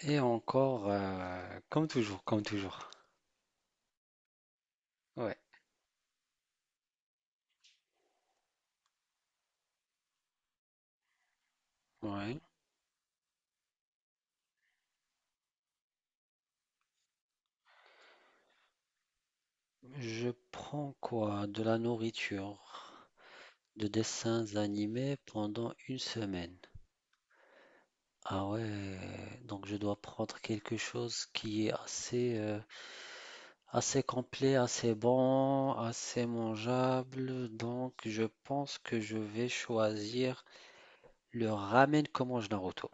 Et encore, comme toujours, comme toujours. Ouais, ouais. Je prends quoi? De la nourriture, de dessins animés pendant une semaine. Ah ouais, donc je dois prendre quelque chose qui est assez, assez complet, assez bon, assez mangeable. Donc je pense que je vais choisir le ramen comme mange Naruto.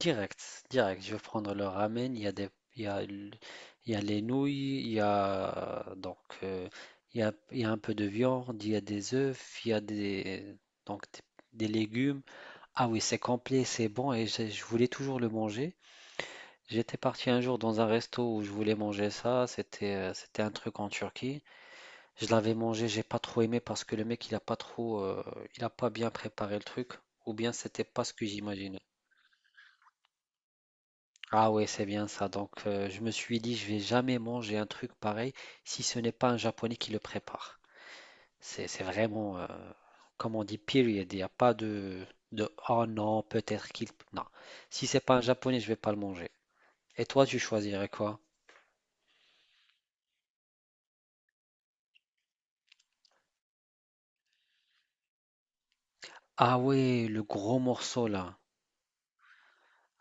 Direct, direct. Je vais prendre le ramen. Il y a des, il y a, l- il y a les nouilles, il y a donc euh, il y a un peu de viande, il y a des œufs, il y a des donc des, des légumes. Ah oui, c'est complet, c'est bon et je voulais toujours le manger. J'étais parti un jour dans un resto où je voulais manger ça. C'était un truc en Turquie. Je l'avais mangé, j'ai pas trop aimé parce que le mec il a pas bien préparé le truc. Ou bien c'était pas ce que j'imaginais. Ah ouais, c'est bien ça. Donc, je me suis dit, je vais jamais manger un truc pareil si ce n'est pas un Japonais qui le prépare. C'est vraiment, comme on dit, period. Il n'y a pas de, oh non, peut-être qu'il... Non. Si c'est pas un Japonais, je vais pas le manger. Et toi, tu choisirais quoi? Ah ouais, le gros morceau là.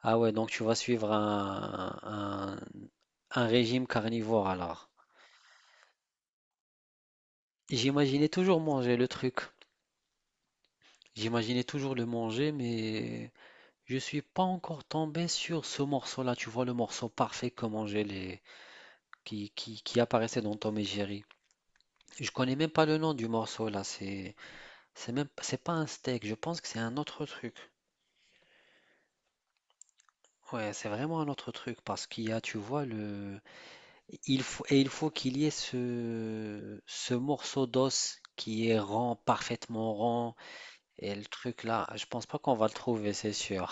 Ah ouais, donc tu vas suivre un régime carnivore alors. J'imaginais toujours manger le truc. J'imaginais toujours le manger, mais... Je suis pas encore tombé sur ce morceau-là, tu vois, le morceau parfait comment j'ai les qui apparaissait dans Tom et Jerry. Je connais même pas le nom du morceau là, c'est même c'est pas un steak, je pense que c'est un autre truc. Ouais, c'est vraiment un autre truc parce qu'il y a, tu vois, le il faut qu'il y ait ce morceau d'os qui est rond, parfaitement rond et le truc là, je pense pas qu'on va le trouver, c'est sûr.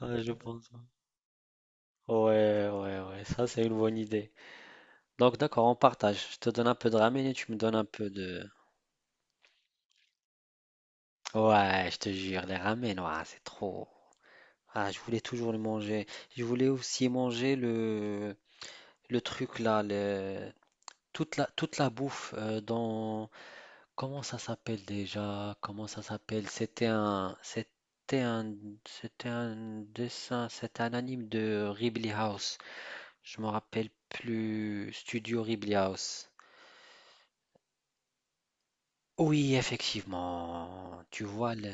Ouais, je pense. Ouais, ouais, ouais, ça c'est une bonne idée. Donc, d'accord, on partage. Je te donne un peu de ramen et tu me donnes un peu de. Ouais, je te jure, les ramen, ouah, c'est trop. Ah, je voulais toujours le manger. Je voulais aussi manger le truc là, le... toute la bouffe dans. Comment ça s'appelle déjà? Comment ça s'appelle? C'était un dessin, c'était un anime de Ghibli House. Je me rappelle plus. Studio Ghibli House. Oui, effectivement. Tu vois le.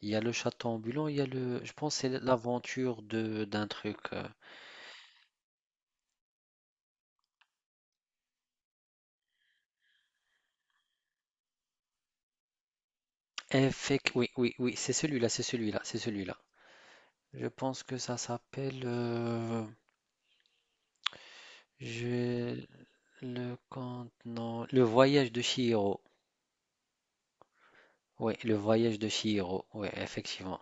Il y a le château ambulant, il y a le. Je pense que c'est l'aventure de d'un truc. Effect. Oui, oui, oui, c'est celui-là, c'est celui-là, c'est celui-là. Je pense que ça s'appelle. J'ai le compte. Non. Le voyage de Chihiro. Oui, le voyage de Chihiro. Oui, effectivement.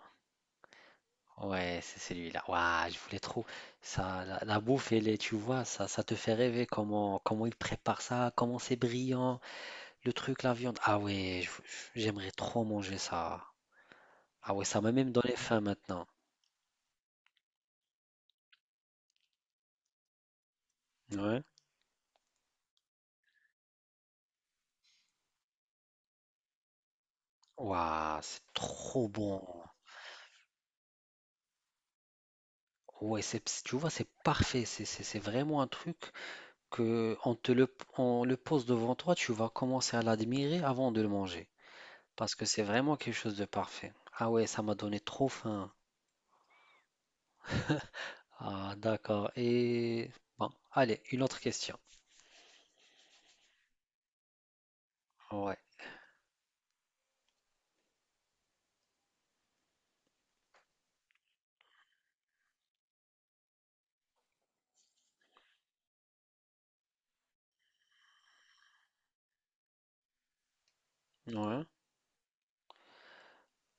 Ouais, c'est celui-là. Waouh, je voulais trop. Ça, la bouffe, elle est, tu vois, ça te fait rêver comment ils préparent ça, comment c'est brillant, le truc, la viande. Ah ouais, j'aimerais trop manger ça. Ah ouais, ça m'a même donné faim maintenant. Ouais. Waouh, c'est trop bon. Ouais, tu vois, c'est parfait. C'est vraiment un truc que on le pose devant toi, tu vas commencer à l'admirer avant de le manger. Parce que c'est vraiment quelque chose de parfait. Ah ouais, ça m'a donné trop faim. Ah, d'accord. Et bon, allez, une autre question. Ouais. Ouais.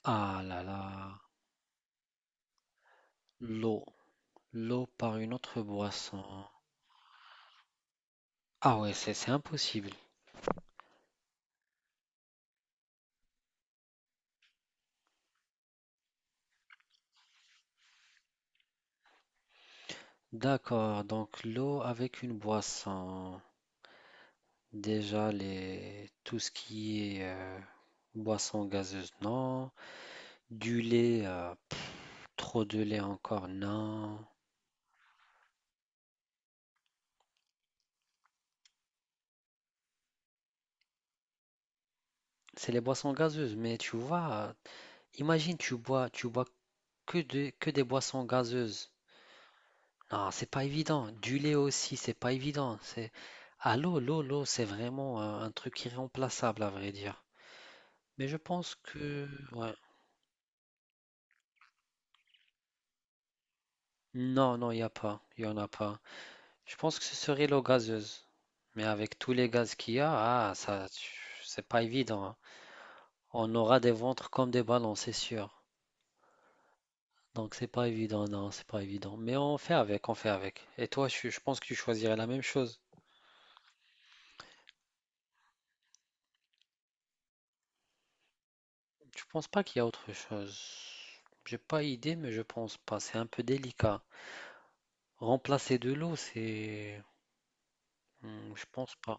Ah là là. L'eau. L'eau par une autre boisson. Ah ouais, c'est impossible. D'accord, donc l'eau avec une boisson. Déjà, les... tout ce qui est boisson gazeuse, non. Du lait, trop de lait encore, non. C'est les boissons gazeuses, mais tu vois, imagine, tu bois que des boissons gazeuses. Non, c'est pas évident. Du lait aussi, c'est pas évident. C'est... Ah, l'eau, l'eau, l'eau, c'est vraiment un truc irremplaçable, à vrai dire. Mais je pense que... Ouais. Non, non, il n'y a pas. Il n'y en a pas. Je pense que ce serait l'eau gazeuse. Mais avec tous les gaz qu'il y a, ah, ça, c'est pas évident, hein. On aura des ventres comme des ballons, c'est sûr. Donc c'est pas évident, non, c'est pas évident. Mais on fait avec, on fait avec. Et toi, je pense que tu choisirais la même chose. Je pense pas qu'il y a autre chose. J'ai pas idée, mais je pense pas. C'est un peu délicat. Remplacer de l'eau, c'est... Hmm, je pense pas.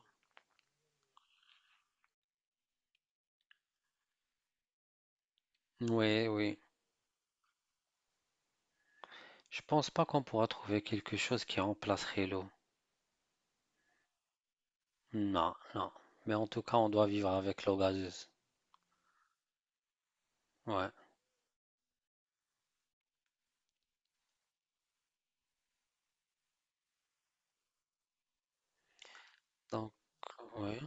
Oui, oui. Je pense pas qu'on pourra trouver quelque chose qui remplacerait l'eau. Non, non. Mais en tout cas, on doit vivre avec l'eau gazeuse. Ouais. Donc, ouais.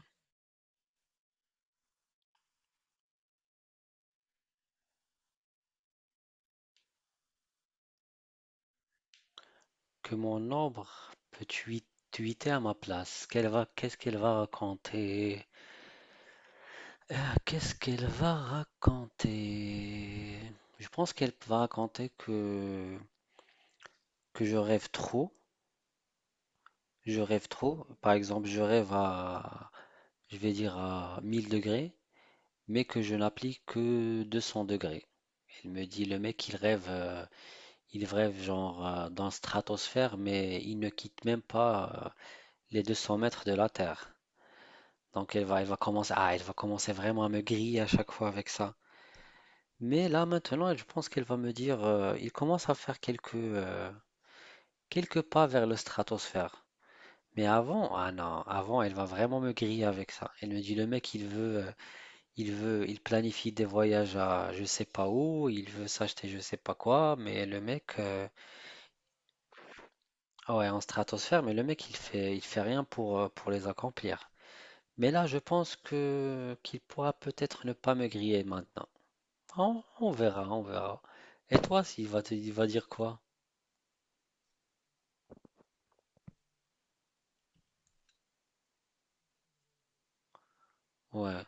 Que mon ombre peut tweeter à ma place. Qu'est-ce qu'elle va raconter? Ah, qu'est-ce qu'elle va raconter? Je pense qu'elle va raconter que je rêve trop. Je rêve trop. Par exemple, je vais dire à 1000 degrés, mais que je n'applique que 200 degrés. Elle me dit, le mec, il rêve. Ils vrèvent genre dans la stratosphère, mais ils ne quittent même pas les 200 mètres de la Terre. Donc elle va commencer vraiment à me griller à chaque fois avec ça. Mais là maintenant, je pense qu'elle va me dire, il commence à faire quelques pas vers le stratosphère. Mais avant, ah non, avant, elle va vraiment me griller avec ça. Elle me dit, le mec, il planifie des voyages à je sais pas où, il veut s'acheter je sais pas quoi, mais le mec, ah ouais, en stratosphère, mais le mec, il fait rien pour les accomplir. Mais là, je pense que qu'il pourra peut-être ne pas me griller maintenant. On verra, on verra. Et toi, il va dire quoi? Ouais,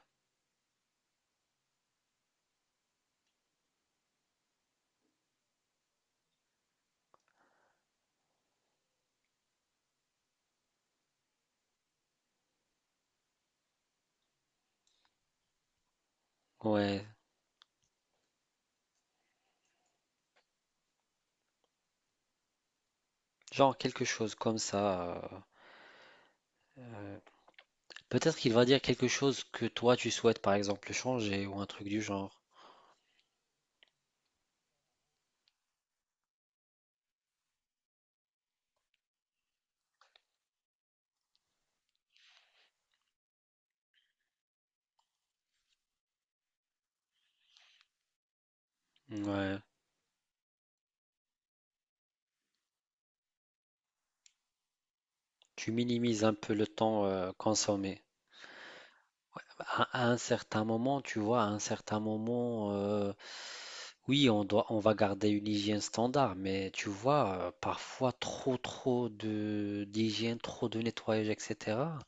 ouais, genre quelque chose comme ça. Euh, Peut-être qu'il va dire quelque chose que toi, tu souhaites, par exemple, changer ou un truc du genre. Ouais, tu minimises un peu le temps consommé. À un certain moment, tu vois, à un certain moment, oui, on va garder une hygiène standard, mais tu vois, parfois trop, trop de d'hygiène, trop de nettoyage, etc.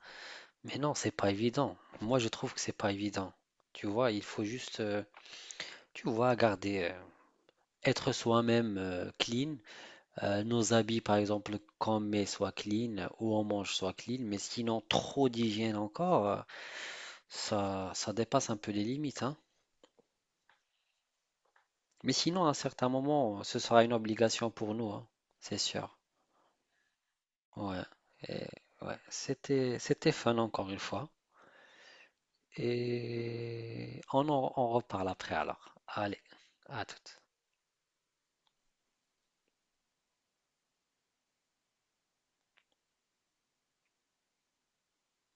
Mais non, c'est pas évident. Moi, je trouve que c'est pas évident. Tu vois, il faut juste, tu vois, être soi-même clean. Nos habits, par exemple, qu'on met soient clean, ou on mange soit clean, mais sinon, trop d'hygiène encore, ça, ça dépasse un peu les limites, hein. Mais sinon, à un certain moment, ce sera une obligation pour nous, hein, c'est sûr. Ouais. Et ouais, c'était fun encore une fois. Et on en on reparle après alors. Allez, à tout.